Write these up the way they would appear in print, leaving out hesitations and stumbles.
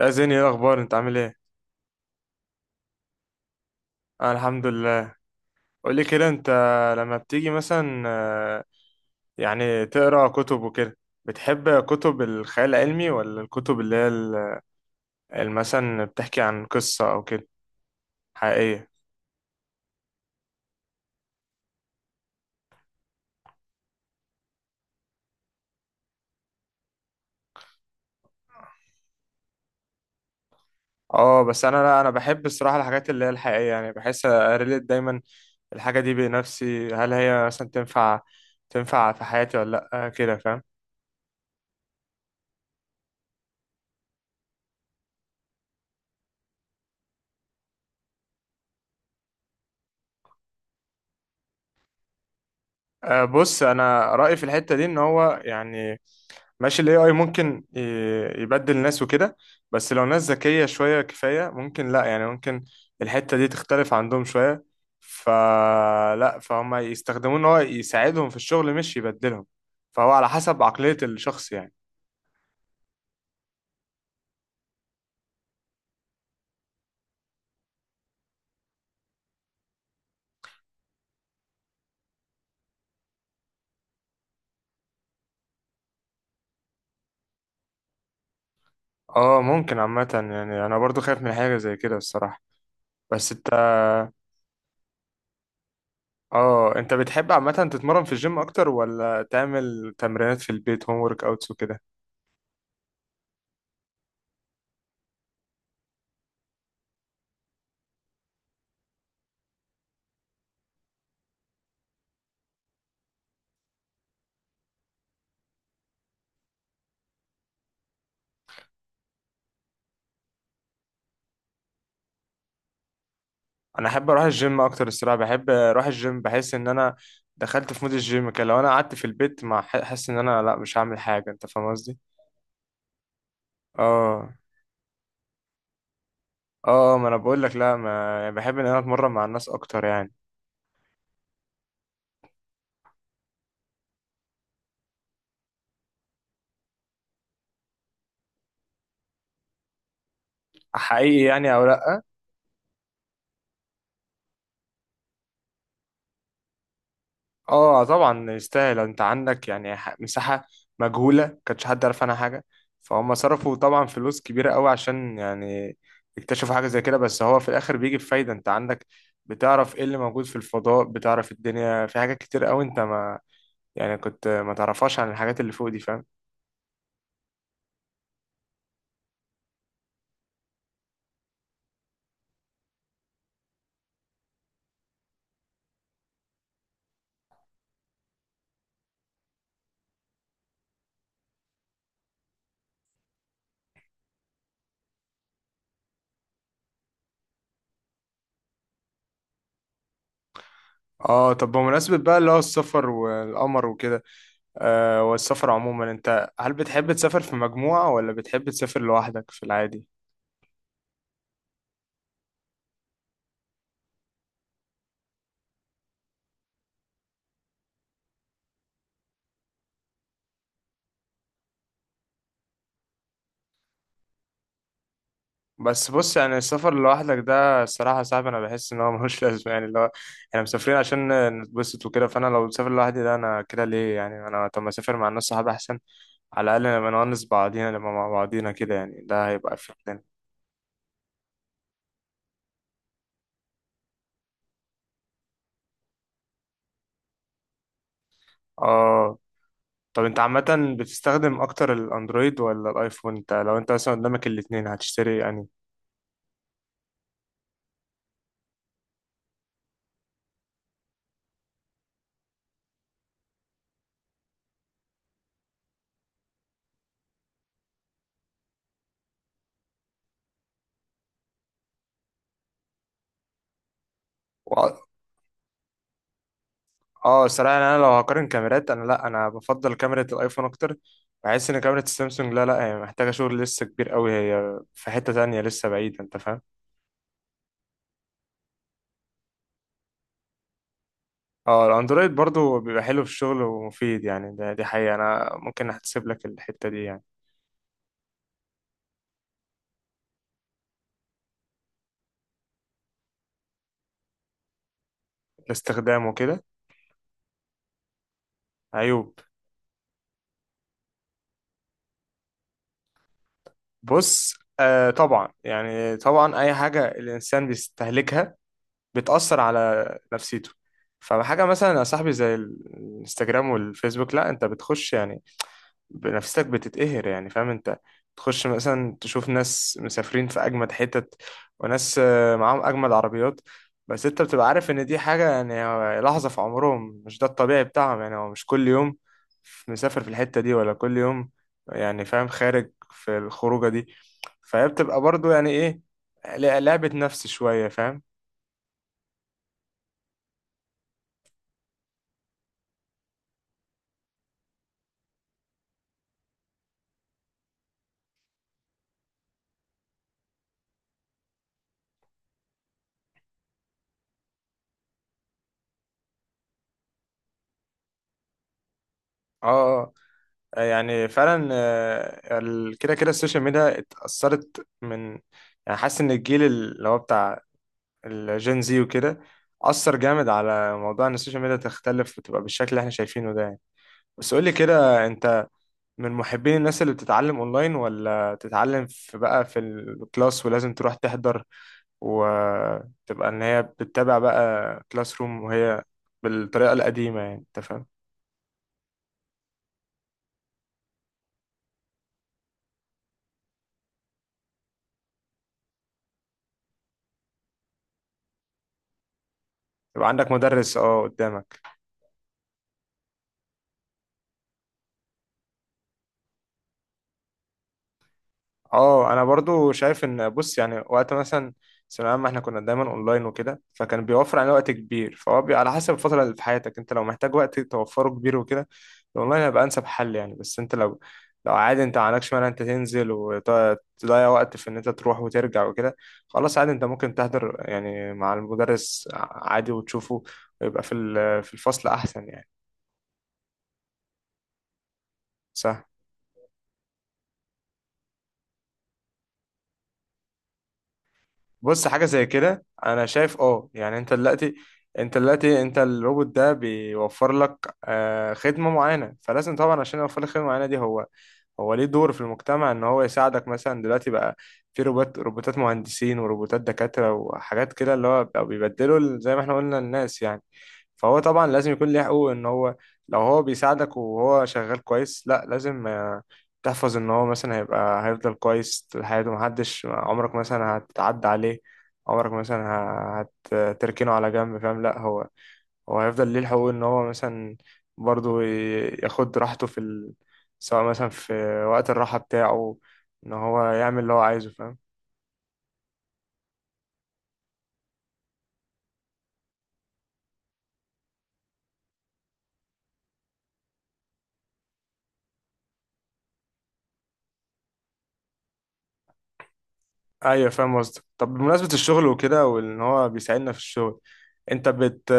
يا زين، ايه الاخبار؟ انت عامل ايه؟ انا الحمد لله. قول لي كده انت لما بتيجي مثلا يعني تقرا كتب وكده، بتحب كتب الخيال العلمي ولا الكتب اللي هي مثلا بتحكي عن قصة او كده حقيقية؟ اه بس انا لا، انا بحب الصراحة الحاجات اللي هي الحقيقية، يعني بحس اريليت دايما الحاجة دي بنفسي، هل هي مثلا تنفع في حياتي ولا لا. كده فاهم. بص انا رأيي في الحتة دي ان هو يعني ماشي، الـ AI ممكن يبدل ناس وكده، بس لو ناس ذكية شوية كفاية ممكن لا، يعني ممكن الحتة دي تختلف عندهم شوية، فلا فهم يستخدموه ان هو يساعدهم في الشغل مش يبدلهم، فهو على حسب عقلية الشخص يعني. اه ممكن عامة، يعني انا برضو خايف من حاجة زي كده الصراحة، بس انت اه انت بتحب عامة تتمرن في الجيم اكتر ولا تعمل تمرينات في البيت، هوم ورك اوتس وكده؟ انا احب اروح الجيم اكتر الصراحه، بحب اروح الجيم بحس ان انا دخلت في مود الجيم كده، لو انا قعدت في البيت ما حاسس ان انا لا مش هعمل حاجه، انت فاهم قصدي. اه اه ما انا بقول لك لا، ما يعني بحب ان انا اتمرن مع الناس اكتر يعني. حقيقي يعني او لا؟ اه طبعا يستاهل، انت عندك يعني مساحة مجهولة كانش حد عارف عنها حاجة، فهم صرفوا طبعا فلوس كبيرة قوي عشان يعني يكتشفوا حاجة زي كده، بس هو في الاخر بيجي بفايدة. انت عندك بتعرف ايه اللي موجود في الفضاء، بتعرف الدنيا في حاجات كتير قوي انت ما يعني كنت ما تعرفهاش عن الحاجات اللي فوق دي، فاهم. اه طب بمناسبة بقى اللي هو السفر والقمر وكده، آه والسفر عموما، انت هل بتحب تسافر في مجموعة ولا بتحب تسافر لوحدك في العادي؟ بس بص يعني السفر لوحدك ده الصراحة صعب، أنا بحس إن هو ملوش لازمة، يعني اللي هو إحنا مسافرين عشان نتبسط وكده، فأنا لو مسافر لوحدي ده أنا كده ليه؟ يعني أنا طب ما أسافر مع الناس صحابي أحسن، على الأقل نبقى نونس بعضينا، نبقى مع بعضينا كده، يعني ده هيبقى في لنا. آه طب أنت عامة بتستخدم أكتر الأندرويد ولا الأيفون؟ أنت لو أنت مثلا قدامك الاتنين هتشتري يعني؟ اه الصراحة يعني انا لو هقارن كاميرات، انا لا، انا بفضل كاميرا الايفون اكتر، بحس ان كاميرا السامسونج لا لا هي محتاجة شغل لسه كبير قوي، هي في حتة تانية لسه بعيدة انت فاهم. اه الاندرويد برضو بيبقى حلو في الشغل ومفيد يعني، ده دي حقيقة انا ممكن احتسب لك الحتة دي يعني. الاستخدام وكده. عيوب. بص طبعا يعني طبعا اي حاجة الانسان بيستهلكها بتأثر على نفسيته، فحاجة مثلا يا صاحبي زي الانستجرام والفيسبوك، لا انت بتخش يعني بنفسك بتتقهر يعني، فاهم انت، تخش مثلا تشوف ناس مسافرين في اجمد حتت، وناس معاهم اجمد عربيات، بس انت بتبقى عارف ان دي حاجة يعني هو لحظة في عمرهم، مش ده الطبيعي بتاعهم، يعني هو مش كل يوم مسافر في الحتة دي ولا كل يوم يعني، فاهم، خارج في الخروجة دي، فهي بتبقى برضو يعني ايه، لعبة نفس شوية فاهم. اه يعني فعلا، كده السوشيال ميديا اتأثرت من، يعني حاسس ان الجيل اللي هو بتاع الجين زي وكده، أثر جامد على موضوع إن السوشيال ميديا تختلف وتبقى بالشكل اللي إحنا شايفينه ده يعني. بس قولي كده أنت، من محبين الناس اللي بتتعلم أونلاين ولا تتعلم في بقى في الكلاس ولازم تروح تحضر وتبقى إن هي بتتابع بقى كلاس روم وهي بالطريقة القديمة يعني، أنت فاهم؟ يبقى عندك مدرس أه قدامك. اه انا برضو شايف ان بص يعني وقت مثلا ثانوية عامة احنا كنا دايما اونلاين وكده، فكان بيوفر علينا وقت كبير، فهو بي على حسب الفترة اللي في حياتك، انت لو محتاج وقت توفره كبير وكده، الاونلاين هيبقى انسب حل يعني، بس انت لو لو عادي انت ما عندكش مانع انت تنزل وتضيع وقت في ان انت تروح وترجع وكده، خلاص عادي انت ممكن تحضر يعني مع المدرس عادي وتشوفه، ويبقى في في الفصل احسن يعني. سهل. بص حاجة زي كده أنا شايف أه يعني، أنت دلوقتي أنت الروبوت ده بيوفر لك خدمة معينة، فلازم طبعا عشان يوفر لك خدمة معينة دي هو، هو ليه دور في المجتمع إن هو يساعدك، مثلا دلوقتي بقى في روبوتات مهندسين وروبوتات دكاترة وحاجات كده اللي هو بقوا بيبدلوا زي ما إحنا قلنا الناس يعني، فهو طبعا لازم يكون ليه حقوق، ان هو لو هو بيساعدك وهو شغال كويس لا لازم، تحفظ ان هو مثلا هيبقى هيفضل كويس طول حياته، محدش عمرك مثلا هتعدى عليه، عمرك مثلا ه- هتركنه على جنب فاهم، لا هو هو هيفضل ليه الحقوق، ان هو مثلا برضو ياخد راحته في ال... سواء مثلا في وقت الراحة بتاعه، ان هو يعمل اللي هو عايزه فاهم. ايوه فاهم قصدك. طب بمناسبة الشغل وكده، وان هو بيساعدنا في الشغل، انت بت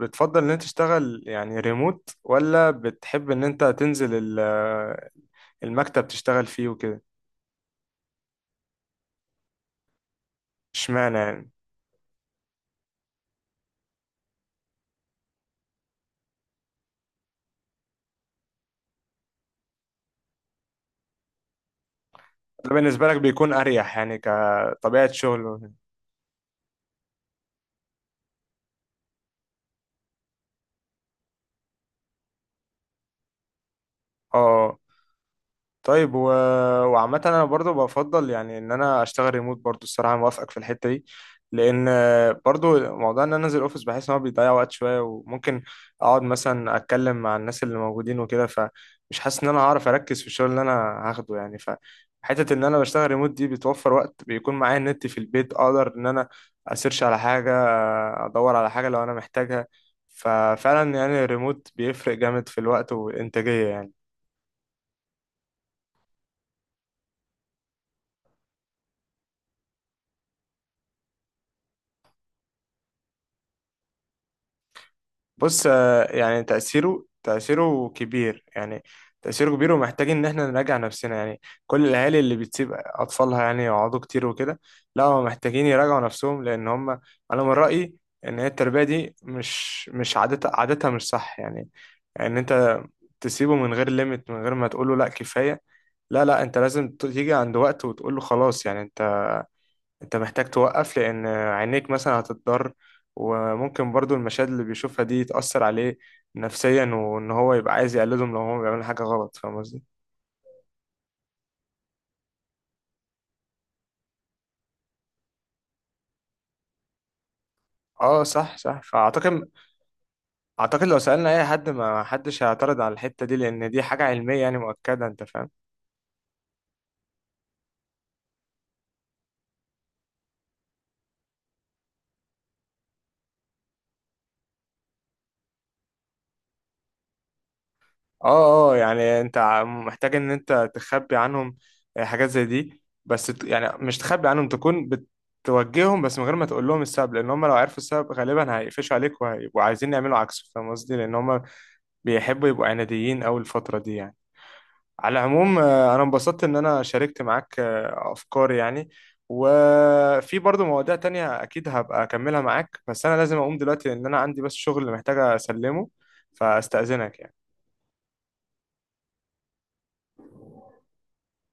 بتفضل ان انت تشتغل يعني ريموت ولا بتحب ان انت تنزل ال- المكتب تشتغل فيه وكده؟ اشمعنى يعني؟ ده بالنسبة لك بيكون اريح يعني كطبيعة شغل وكده. اه طيب و... وعامة أنا برضو بفضل يعني إن أنا أشتغل ريموت برضو الصراحة، موافقك في الحتة دي، لأن برضو موضوع إن أنا أنزل أوفيس بحس إن هو بيضيع وقت شوية، وممكن أقعد مثلا أتكلم مع الناس اللي موجودين وكده، فمش حاسس إن أنا هعرف أركز في الشغل اللي أنا هاخده يعني، فحتة إن أنا بشتغل ريموت دي بتوفر وقت، بيكون معايا النت في البيت أقدر إن أنا أسيرش على حاجة، أدور على حاجة لو أنا محتاجها، ففعلا يعني الريموت بيفرق جامد في الوقت والإنتاجية يعني. بص يعني تأثيره كبير يعني، تأثيره كبير ومحتاج إن إحنا نراجع نفسنا يعني، كل الأهالي اللي بتسيب أطفالها يعني يقعدوا كتير وكده، لا هم محتاجين يراجعوا نفسهم، لأن هم أنا من رأيي إن هي التربية دي مش عادتها مش صح يعني، إن أنت تسيبه من غير ليميت من غير ما تقوله لأ كفاية، لا أنت لازم تيجي عند وقت وتقوله خلاص يعني، انت محتاج توقف لان عينيك مثلا هتضر، وممكن برضو المشاهد اللي بيشوفها دي تأثر عليه نفسيا، وان هو يبقى عايز يقلدهم لو هو بيعمل حاجة غلط فاهم قصدي. اه صح فاعتقد، اعتقد لو سألنا اي حد ما حدش هيعترض على الحتة دي، لان دي حاجة علمية يعني مؤكدة انت فاهم. اه اه يعني انت محتاج ان انت تخبي عنهم حاجات زي دي، بس يعني مش تخبي عنهم، تكون بتوجههم بس من غير ما تقول لهم السبب، لان هم لو عرفوا السبب غالبا هيقفشوا عليك وهيبقوا عايزين يعملوا عكسه فاهم قصدي، لان هم بيحبوا يبقوا عناديين اوي الفترة دي يعني. على العموم انا انبسطت ان انا شاركت معاك افكاري يعني، وفي برضه مواضيع تانية اكيد هبقى اكملها معاك، بس انا لازم اقوم دلوقتي لان انا عندي بس شغل محتاج اسلمه، فاستأذنك يعني.